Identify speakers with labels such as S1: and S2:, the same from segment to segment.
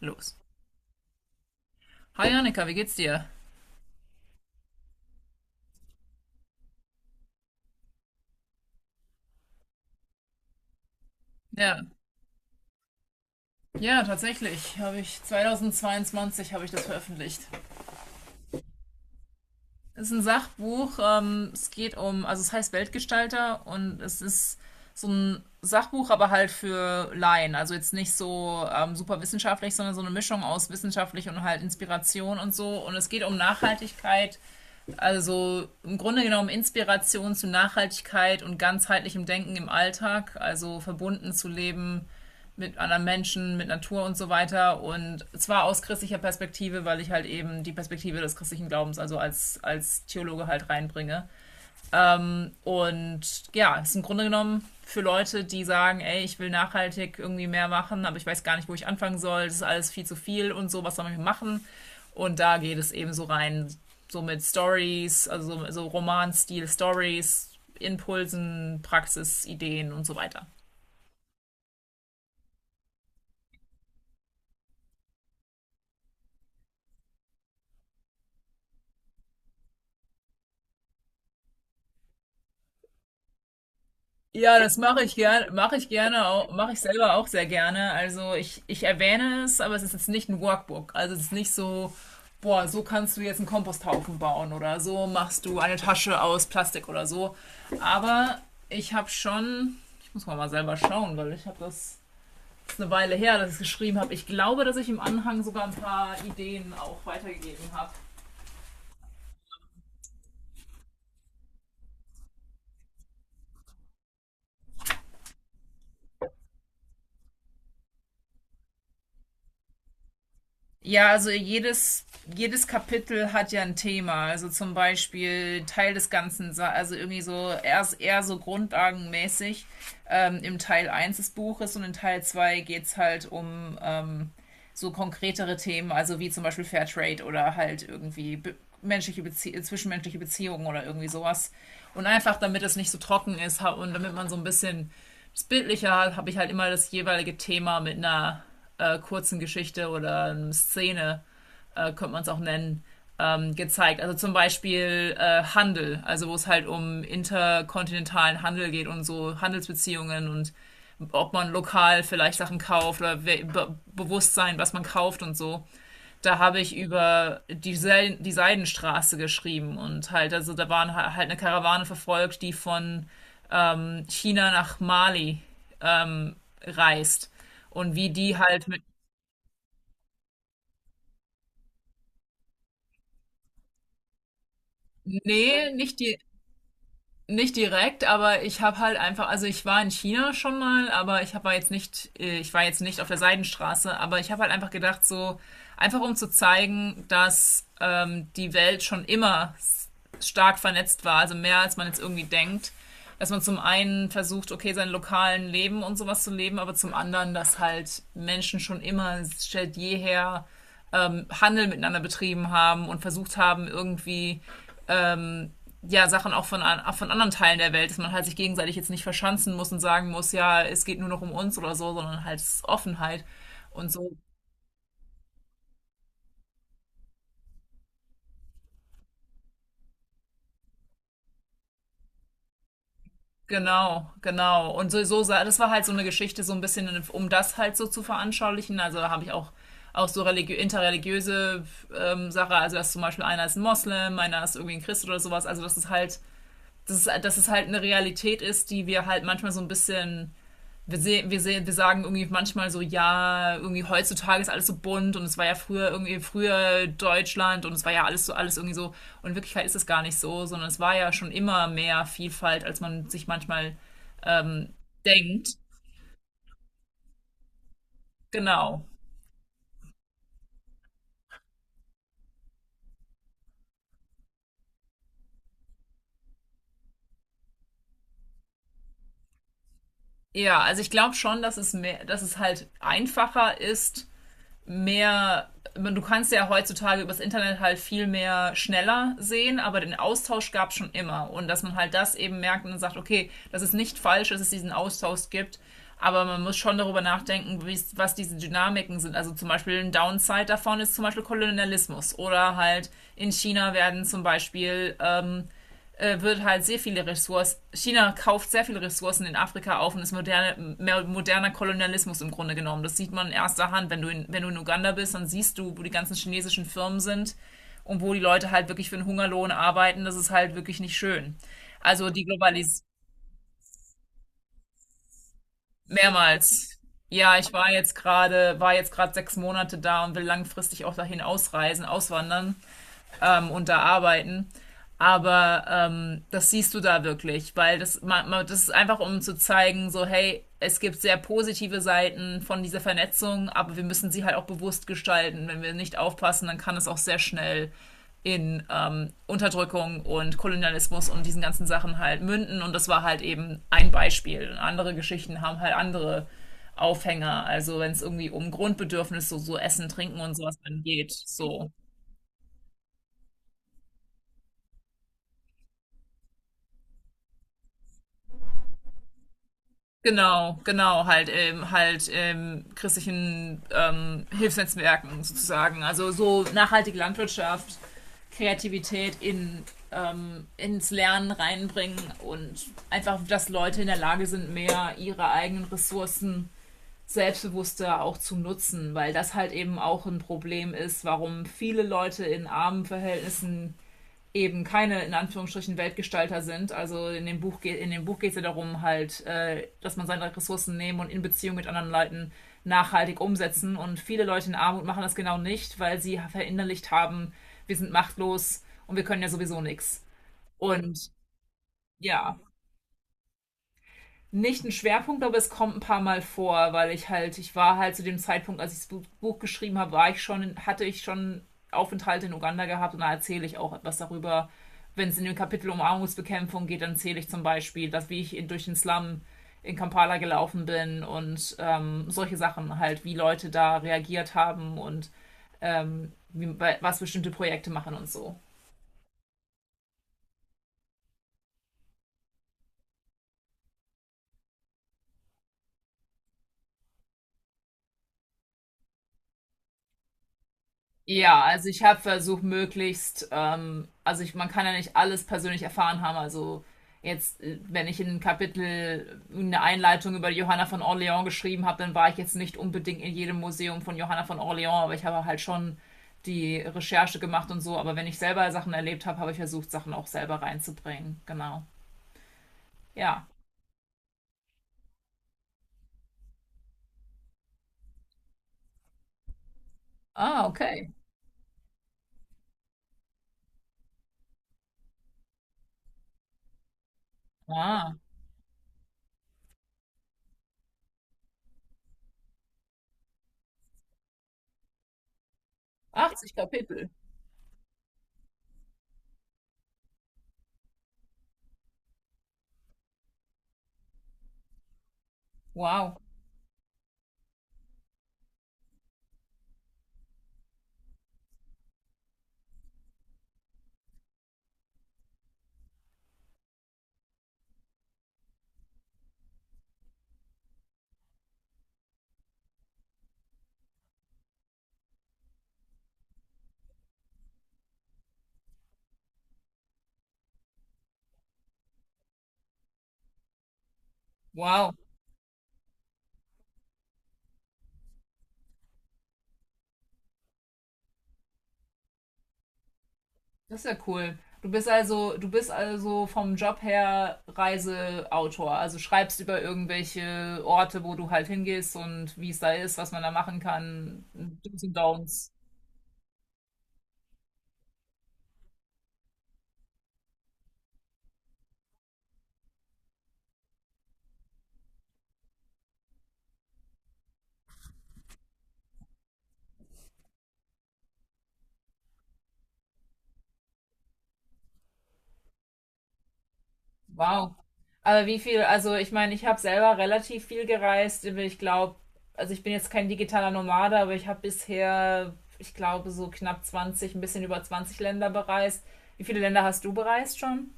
S1: Los. Hi Annika, wie geht's dir? Ja, ja, tatsächlich habe ich 2022 habe ich das veröffentlicht. Es ist ein Sachbuch. Es geht um, also es heißt Weltgestalter und es ist so ein Sachbuch, aber halt für Laien. Also jetzt nicht so super wissenschaftlich, sondern so eine Mischung aus wissenschaftlich und halt Inspiration und so. Und es geht um Nachhaltigkeit, also im Grunde genommen Inspiration zu Nachhaltigkeit und ganzheitlichem Denken im Alltag, also verbunden zu leben mit anderen Menschen, mit Natur und so weiter. Und zwar aus christlicher Perspektive, weil ich halt eben die Perspektive des christlichen Glaubens, also als Theologe halt reinbringe. Und ja, ist im Grunde genommen für Leute, die sagen, ey, ich will nachhaltig irgendwie mehr machen, aber ich weiß gar nicht, wo ich anfangen soll, das ist alles viel zu viel und so, was soll man machen? Und da geht es eben so rein, so mit Stories, also so Roman-Stil-Stories, Impulsen, Praxis, Ideen und so weiter. Ja, das mache ich gerne, mache ich gerne, mache ich selber auch sehr gerne. Also ich erwähne es, aber es ist jetzt nicht ein Workbook. Also es ist nicht so, boah, so kannst du jetzt einen Komposthaufen bauen oder so machst du eine Tasche aus Plastik oder so. Aber ich habe schon, ich muss mal selber schauen, weil ich habe das, das ist eine Weile her, dass ich es geschrieben habe. Ich glaube, dass ich im Anhang sogar ein paar Ideen auch weitergegeben habe. Ja, also jedes Kapitel hat ja ein Thema. Also zum Beispiel Teil des Ganzen, also irgendwie so erst eher so grundlagenmäßig im Teil eins des Buches und in Teil 2 geht's halt um so konkretere Themen, also wie zum Beispiel Fairtrade oder halt irgendwie be menschliche Bezie zwischenmenschliche Beziehungen oder irgendwie sowas. Und einfach, damit es nicht so trocken ist und damit man so ein bisschen bildlicher habe ich halt immer das jeweilige Thema mit einer kurzen Geschichte oder einer Szene, könnte man es auch nennen, gezeigt. Also zum Beispiel Handel, also wo es halt um interkontinentalen Handel geht und so Handelsbeziehungen und ob man lokal vielleicht Sachen kauft oder we- be Bewusstsein, was man kauft und so. Da habe ich über die Seidenstraße geschrieben und halt, also da waren halt eine Karawane verfolgt, die von China nach Mali ähm, reist. Und wie die halt mit. Nee, nicht die. Nicht direkt, aber ich habe halt einfach, also ich war in China schon mal, aber ich war jetzt nicht, ich war jetzt nicht auf der Seidenstraße, aber ich habe halt einfach gedacht, so einfach um zu zeigen, dass die Welt schon immer stark vernetzt war, also mehr als man jetzt irgendwie denkt, dass man zum einen versucht, okay, sein lokalen Leben und sowas zu leben, aber zum anderen, dass halt Menschen schon immer seit jeher Handel miteinander betrieben haben und versucht haben, irgendwie ja, Sachen auch von anderen Teilen der Welt, dass man halt sich gegenseitig jetzt nicht verschanzen muss und sagen muss, ja, es geht nur noch um uns oder so, sondern halt es ist Offenheit und so. Genau, genau. Und so, das war halt so eine Geschichte, so ein bisschen, um das halt so zu veranschaulichen. Also da habe ich auch so religi interreligiöse Sache, also dass zum Beispiel einer ist ein Moslem, einer ist irgendwie ein Christ oder sowas. Also dass es halt eine Realität ist, die wir halt manchmal so ein bisschen wir sagen irgendwie manchmal so, ja, irgendwie heutzutage ist alles so bunt und es war ja früher irgendwie früher Deutschland und es war ja alles so, alles irgendwie so. Und in Wirklichkeit ist es gar nicht so, sondern es war ja schon immer mehr Vielfalt, als man sich manchmal ähm, denkt. Genau. Ja, also ich glaube schon, dass es halt einfacher ist, mehr, du kannst ja heutzutage übers Internet halt viel mehr schneller sehen, aber den Austausch gab es schon immer. Und dass man halt das eben merkt und sagt, okay, das ist nicht falsch, dass es diesen Austausch gibt, aber man muss schon darüber nachdenken, was diese Dynamiken sind. Also zum Beispiel ein Downside davon ist zum Beispiel Kolonialismus. Oder halt in China werden zum Beispiel wird halt sehr viele Ressourcen, China kauft sehr viele Ressourcen in Afrika auf und ist moderne, mehr moderner Kolonialismus im Grunde genommen. Das sieht man in erster Hand. Wenn du in Uganda bist, dann siehst du, wo die ganzen chinesischen Firmen sind und wo die Leute halt wirklich für einen Hungerlohn arbeiten. Das ist halt wirklich nicht schön. Also die Globalis mehrmals. Ja, ich war jetzt gerade 6 Monate da und will langfristig auch dahin ausreisen, auswandern. Und da arbeiten. Aber das siehst du da wirklich, weil das, man, das ist einfach, um zu zeigen, so hey, es gibt sehr positive Seiten von dieser Vernetzung, aber wir müssen sie halt auch bewusst gestalten. Wenn wir nicht aufpassen, dann kann es auch sehr schnell in Unterdrückung und Kolonialismus und diesen ganzen Sachen halt münden. Und das war halt eben ein Beispiel. Und andere Geschichten haben halt andere Aufhänger. Also wenn es irgendwie um Grundbedürfnisse, so, so Essen, Trinken und sowas dann geht, so. Genau, genau, halt christlichen Hilfsnetzwerken sozusagen. Also so nachhaltige Landwirtschaft, Kreativität ins Lernen reinbringen und einfach, dass Leute in der Lage sind, mehr ihre eigenen Ressourcen selbstbewusster auch zu nutzen, weil das halt eben auch ein Problem ist, warum viele Leute in armen Verhältnissen eben keine in Anführungsstrichen Weltgestalter sind. Also in dem Buch geht es ja darum halt, dass man seine Ressourcen nehmen und in Beziehung mit anderen Leuten nachhaltig umsetzen. Und viele Leute in Armut machen das genau nicht, weil sie verinnerlicht haben, wir sind machtlos und wir können ja sowieso nichts. Und ja, nicht ein Schwerpunkt, aber es kommt ein paar Mal vor, weil ich halt, ich war halt zu dem Zeitpunkt, als ich das Buch geschrieben habe, war ich schon, hatte ich schon Aufenthalte in Uganda gehabt und da erzähle ich auch etwas darüber. Wenn es in dem Kapitel um Armutsbekämpfung geht, dann erzähle ich zum Beispiel, dass wie ich durch den Slum in Kampala gelaufen bin und solche Sachen halt, wie Leute da reagiert haben und ähm, wie, was bestimmte Projekte machen und so. Ja, also ich habe versucht, möglichst, man kann ja nicht alles persönlich erfahren haben. Also jetzt, wenn ich in ein Kapitel eine Einleitung über Johanna von Orleans geschrieben habe, dann war ich jetzt nicht unbedingt in jedem Museum von Johanna von Orleans, aber ich habe halt schon die Recherche gemacht und so. Aber wenn ich selber Sachen erlebt habe, habe ich versucht, Sachen auch selber reinzubringen. Genau. Ja. Ah, okay. Ah, 80 Kapitel. Wow. Wow. Das ist ja cool. Du bist also vom Job her Reiseautor. Also schreibst über irgendwelche Orte, wo du halt hingehst und wie es da ist, was man da machen kann. Do's und Downs. Wow. Aber wie viel, also ich meine, ich habe selber relativ viel gereist. Ich glaube, also ich bin jetzt kein digitaler Nomade, aber ich habe bisher, ich glaube, so knapp 20, ein bisschen über 20 Länder bereist. Wie viele Länder hast du bereist schon?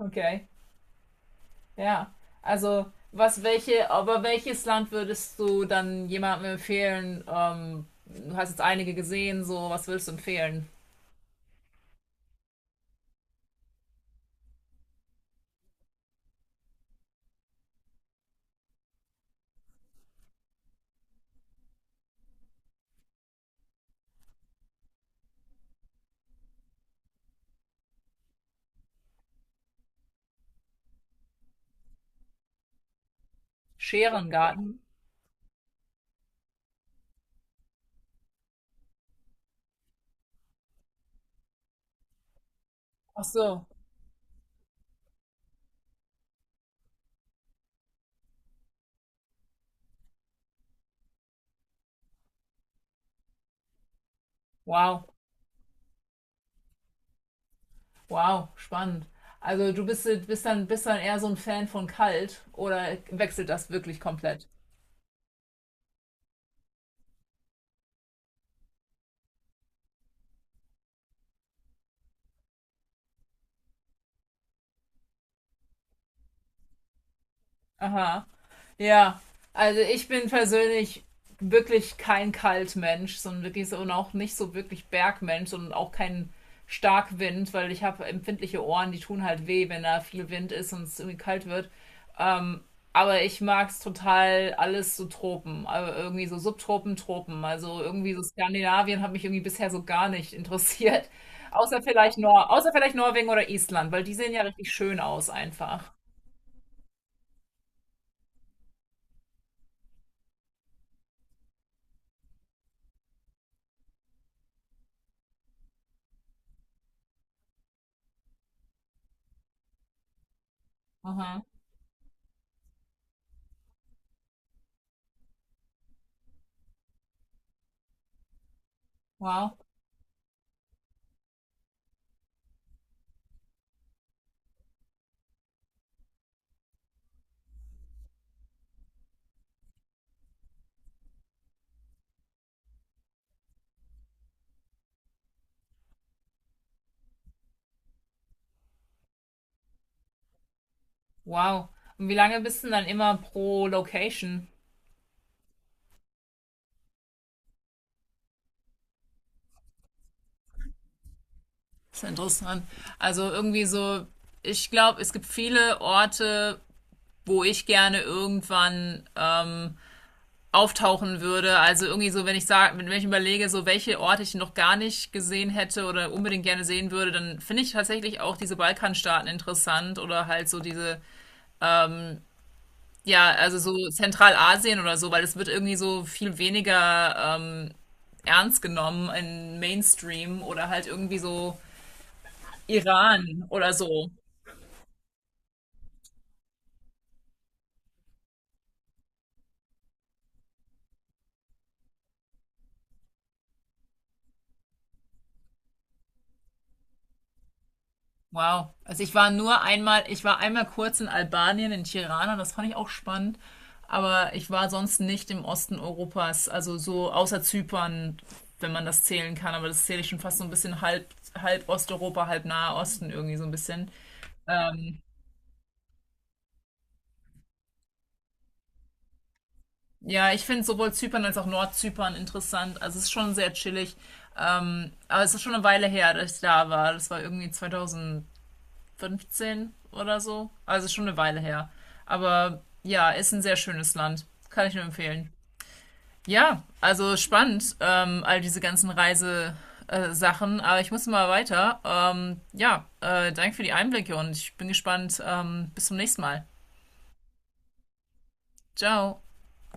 S1: Okay. Ja, also aber welches Land würdest du dann jemandem empfehlen? Du hast jetzt einige gesehen, so was würdest du empfehlen? Scherengarten. Ach so, wow, wow, spannend. Also du bist dann eher so ein Fan von kalt oder wechselt das wirklich komplett? Aha. Ja, also ich bin persönlich wirklich kein Kaltmensch, sondern wirklich so und auch nicht so wirklich Bergmensch und auch kein Starkwind, weil ich habe empfindliche Ohren, die tun halt weh, wenn da viel Wind ist und es irgendwie kalt wird. Ähm, aber ich mag es total alles so Tropen, also irgendwie so Subtropen, Tropen. Also irgendwie so Skandinavien hat mich irgendwie bisher so gar nicht interessiert. Außer vielleicht Nor außer vielleicht Norwegen oder Island, weil die sehen ja richtig schön aus einfach. Aha. Wow. Wow. Und wie lange bist du denn dann immer pro Location? Das ist interessant. Also irgendwie so, ich glaube, es gibt viele Orte, wo ich gerne irgendwann auftauchen würde. Also irgendwie so, wenn ich sage, wenn ich überlege, so welche Orte ich noch gar nicht gesehen hätte oder unbedingt gerne sehen würde, dann finde ich tatsächlich auch diese Balkanstaaten interessant oder halt so diese, ja, also so Zentralasien oder so, weil es wird irgendwie so viel weniger ernst genommen im Mainstream oder halt irgendwie so Iran oder so. Wow. Also ich war einmal kurz in Albanien, in Tirana, das fand ich auch spannend. Aber ich war sonst nicht im Osten Europas, also so außer Zypern, wenn man das zählen kann. Aber das zähle ich schon fast so ein bisschen halb, halb Osteuropa, halb Nahe Osten irgendwie so ein bisschen. Ähm, ja, ich finde sowohl Zypern als auch Nordzypern interessant. Also es ist schon sehr chillig. Aber es ist schon eine Weile her, dass ich da war. Das war irgendwie 2000 fünfzehn oder so. Also schon eine Weile her. Aber ja, ist ein sehr schönes Land. Kann ich nur empfehlen. Ja, also spannend, all diese ganzen Reise. Sachen, aber ich muss mal weiter. Ja, danke für die Einblicke und ich bin gespannt. Bis zum nächsten Mal. Ciao.